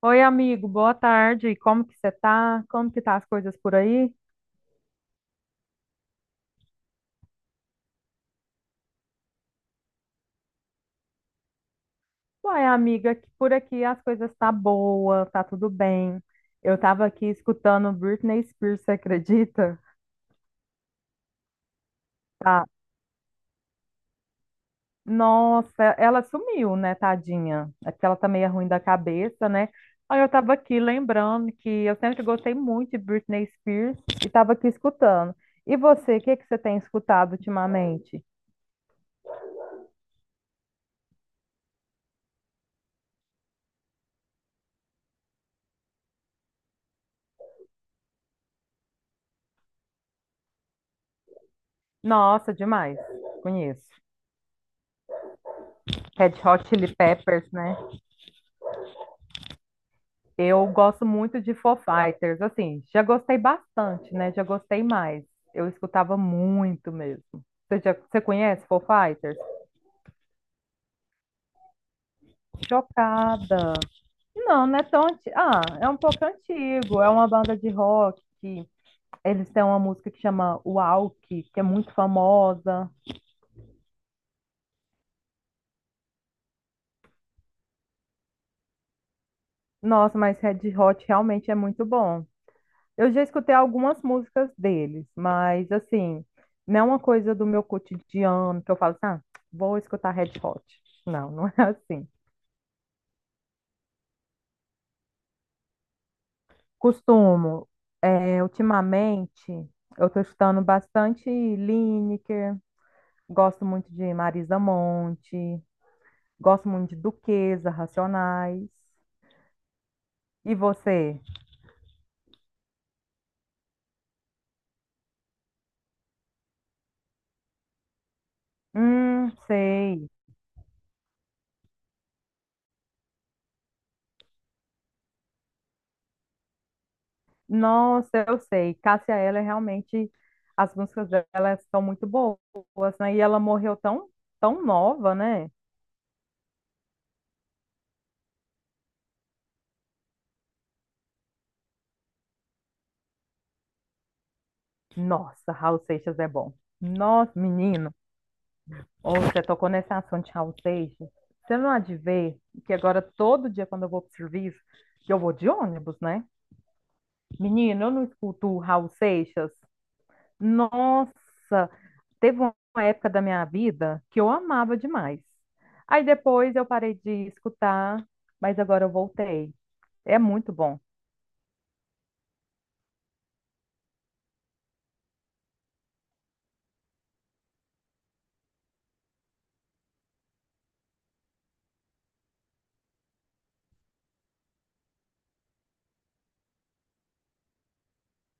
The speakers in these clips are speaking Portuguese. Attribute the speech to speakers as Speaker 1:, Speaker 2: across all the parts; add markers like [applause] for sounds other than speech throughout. Speaker 1: Oi, amigo, boa tarde. Como que você tá? Como que tá as coisas por aí? Uai, amiga, que por aqui as coisas tá boa, tá tudo bem. Eu tava aqui escutando Britney Spears, você acredita? Tá. Nossa, ela sumiu, né, tadinha? É porque ela tá meio ruim da cabeça, né? Aí eu tava aqui lembrando que eu sempre gostei muito de Britney Spears e tava aqui escutando. E você, o que que você tem escutado ultimamente? Nossa, demais. Conheço. Red Hot Chili Peppers, né? Eu gosto muito de Foo Fighters, assim, já gostei bastante, né? Já gostei mais. Eu escutava muito mesmo. Você, já, você conhece Foo Fighters? Chocada. Não, é tão antigo. Ah, é um pouco antigo. É uma banda de rock que eles têm uma música que chama Walk, que é muito famosa. Nossa, mas Red Hot realmente é muito bom. Eu já escutei algumas músicas deles, mas assim, não é uma coisa do meu cotidiano que eu falo assim, ah, vou escutar Red Hot. Não, é assim. Costumo, é, ultimamente, eu estou escutando bastante Lineker, gosto muito de Marisa Monte, gosto muito de Duquesa, Racionais. E você? Sei. Nossa, eu sei. Cássia Eller realmente as músicas dela são muito boas, né? E ela morreu tão tão nova, né? Nossa, Raul Seixas é bom. Nossa, menino, ou você tocou nesse assunto de Raul Seixas. Você não há de ver que agora todo dia quando eu vou pro serviço, que eu vou de ônibus, né? Menino, eu não escuto o Raul Seixas. Nossa, teve uma época da minha vida que eu amava demais. Aí depois eu parei de escutar, mas agora eu voltei. É muito bom.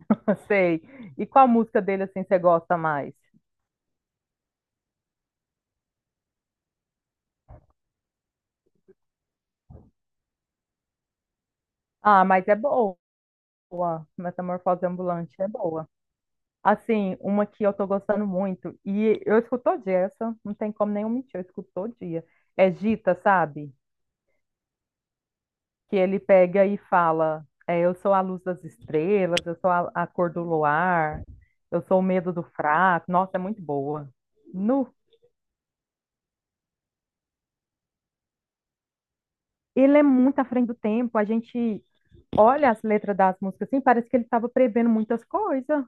Speaker 1: [laughs] Sei. E qual música dele assim você gosta mais? Ah, mas é boa. Metamorfose Ambulante é boa. Assim, uma que eu tô gostando muito, e eu escuto todo dia, essa não tem como nenhum mentir, eu escuto todo dia. É Gita, sabe? Que ele pega e fala: é, eu sou a luz das estrelas, eu sou a cor do luar, eu sou o medo do fraco. Nossa, é muito boa. Nu, ele é muito à frente do tempo. A gente olha as letras das músicas assim, parece que ele estava prevendo muitas coisas.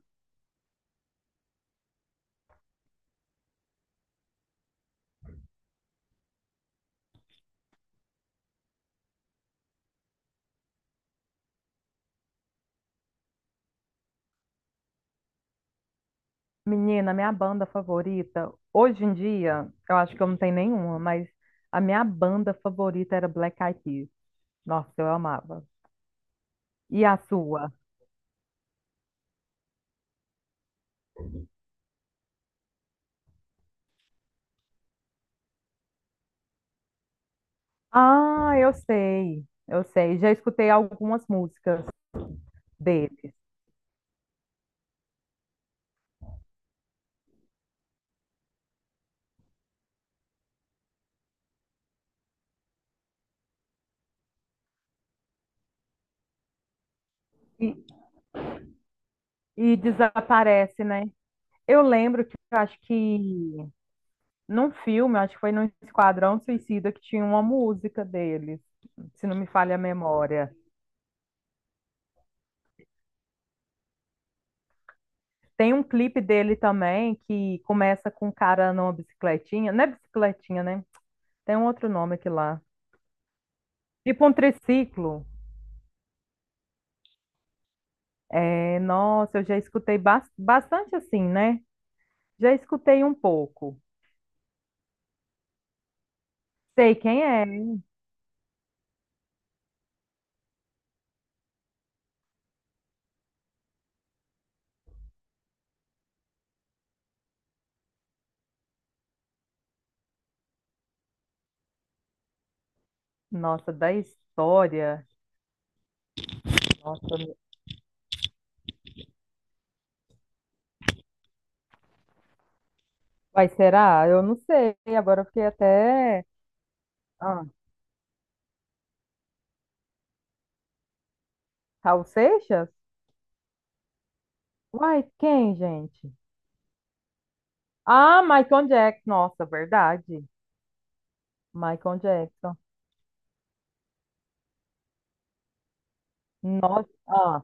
Speaker 1: Menina, minha banda favorita, hoje em dia, eu acho que eu não tenho nenhuma, mas a minha banda favorita era Black Eyed Peas. Nossa, eu amava. E a sua? Ah, eu sei, eu sei. Já escutei algumas músicas deles. E, e desaparece, né? Eu lembro que eu acho que num filme, acho que foi num Esquadrão Suicida que tinha uma música deles, se não me falha a memória. Tem um clipe dele também que começa com um cara numa bicicletinha, não é bicicletinha, né? Tem um outro nome aqui lá. Tipo um triciclo. É, nossa, eu já escutei bastante assim, né? Já escutei um pouco. Sei quem é. Nossa, da história. Nossa. Vai, será? Eu não sei. Agora eu fiquei até. Ah, Raul Seixas? Uai, quem, gente? Ah, Michael Jackson. Nossa, verdade. Michael Jackson. Nossa. Ah,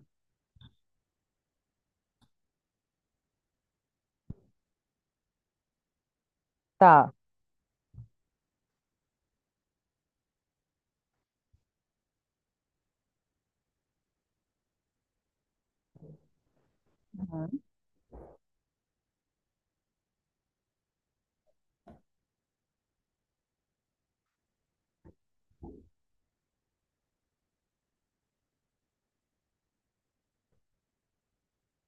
Speaker 1: tá. Uhum.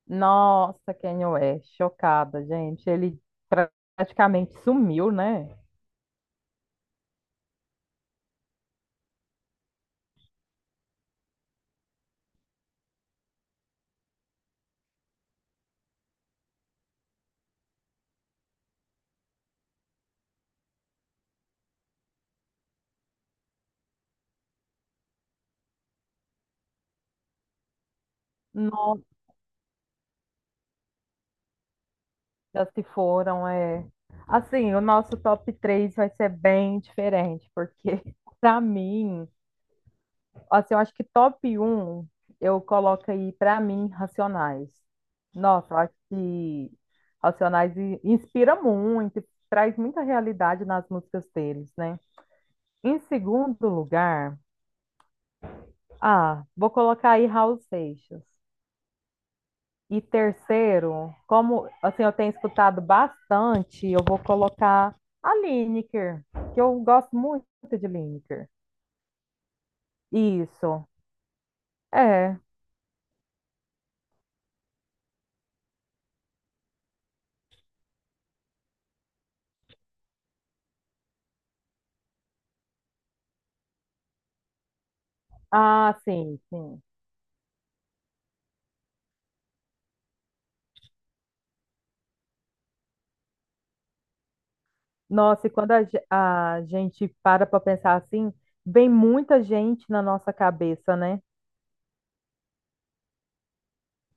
Speaker 1: Nossa, Kanye West. Chocada, gente. Ele pra- praticamente sumiu, né? Nossa, se foram, é. Assim, o nosso top 3 vai ser bem diferente, porque [laughs] pra mim. Assim, eu acho que top um eu coloco aí pra mim Racionais. Nossa, eu acho que Racionais inspira muito, traz muita realidade nas músicas deles, né? Em segundo lugar, ah, vou colocar aí Raul Seixas. E terceiro, como assim eu tenho escutado bastante, eu vou colocar a Lineker, que eu gosto muito de Lineker. Isso. É. Ah, sim, sim. Nossa, e quando a, a gente para para pensar assim, vem muita gente na nossa cabeça, né?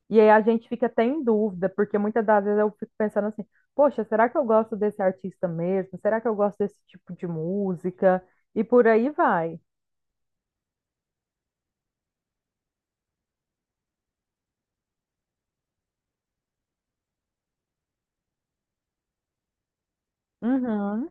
Speaker 1: E aí a gente fica até em dúvida, porque muitas das vezes eu fico pensando assim, poxa, será que eu gosto desse artista mesmo? Será que eu gosto desse tipo de música? E por aí vai. Uhum,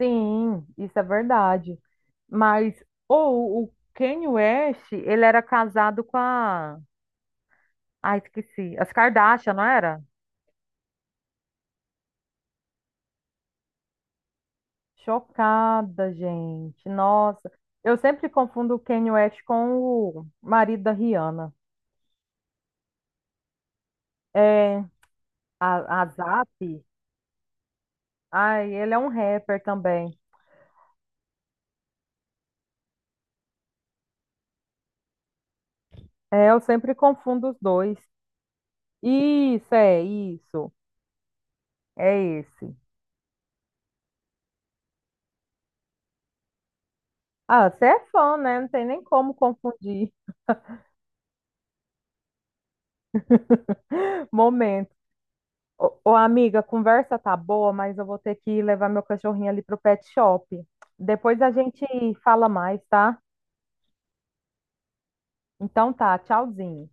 Speaker 1: sim, isso é verdade. Mas, ou o Kanye West, ele era casado com a... Ai, esqueci. As Kardashian, não era? Chocada, gente. Nossa, eu sempre confundo o Kanye West com o marido da Rihanna. É, a Zap. Ai, ele é um rapper também. É, eu sempre confundo os dois. Isso. É esse. Ah, você é fã, né? Não tem nem como confundir. [laughs] Momento. Ô, ô, amiga, a conversa tá boa, mas eu vou ter que levar meu cachorrinho ali pro pet shop. Depois a gente fala mais, tá? Então tá, tchauzinho.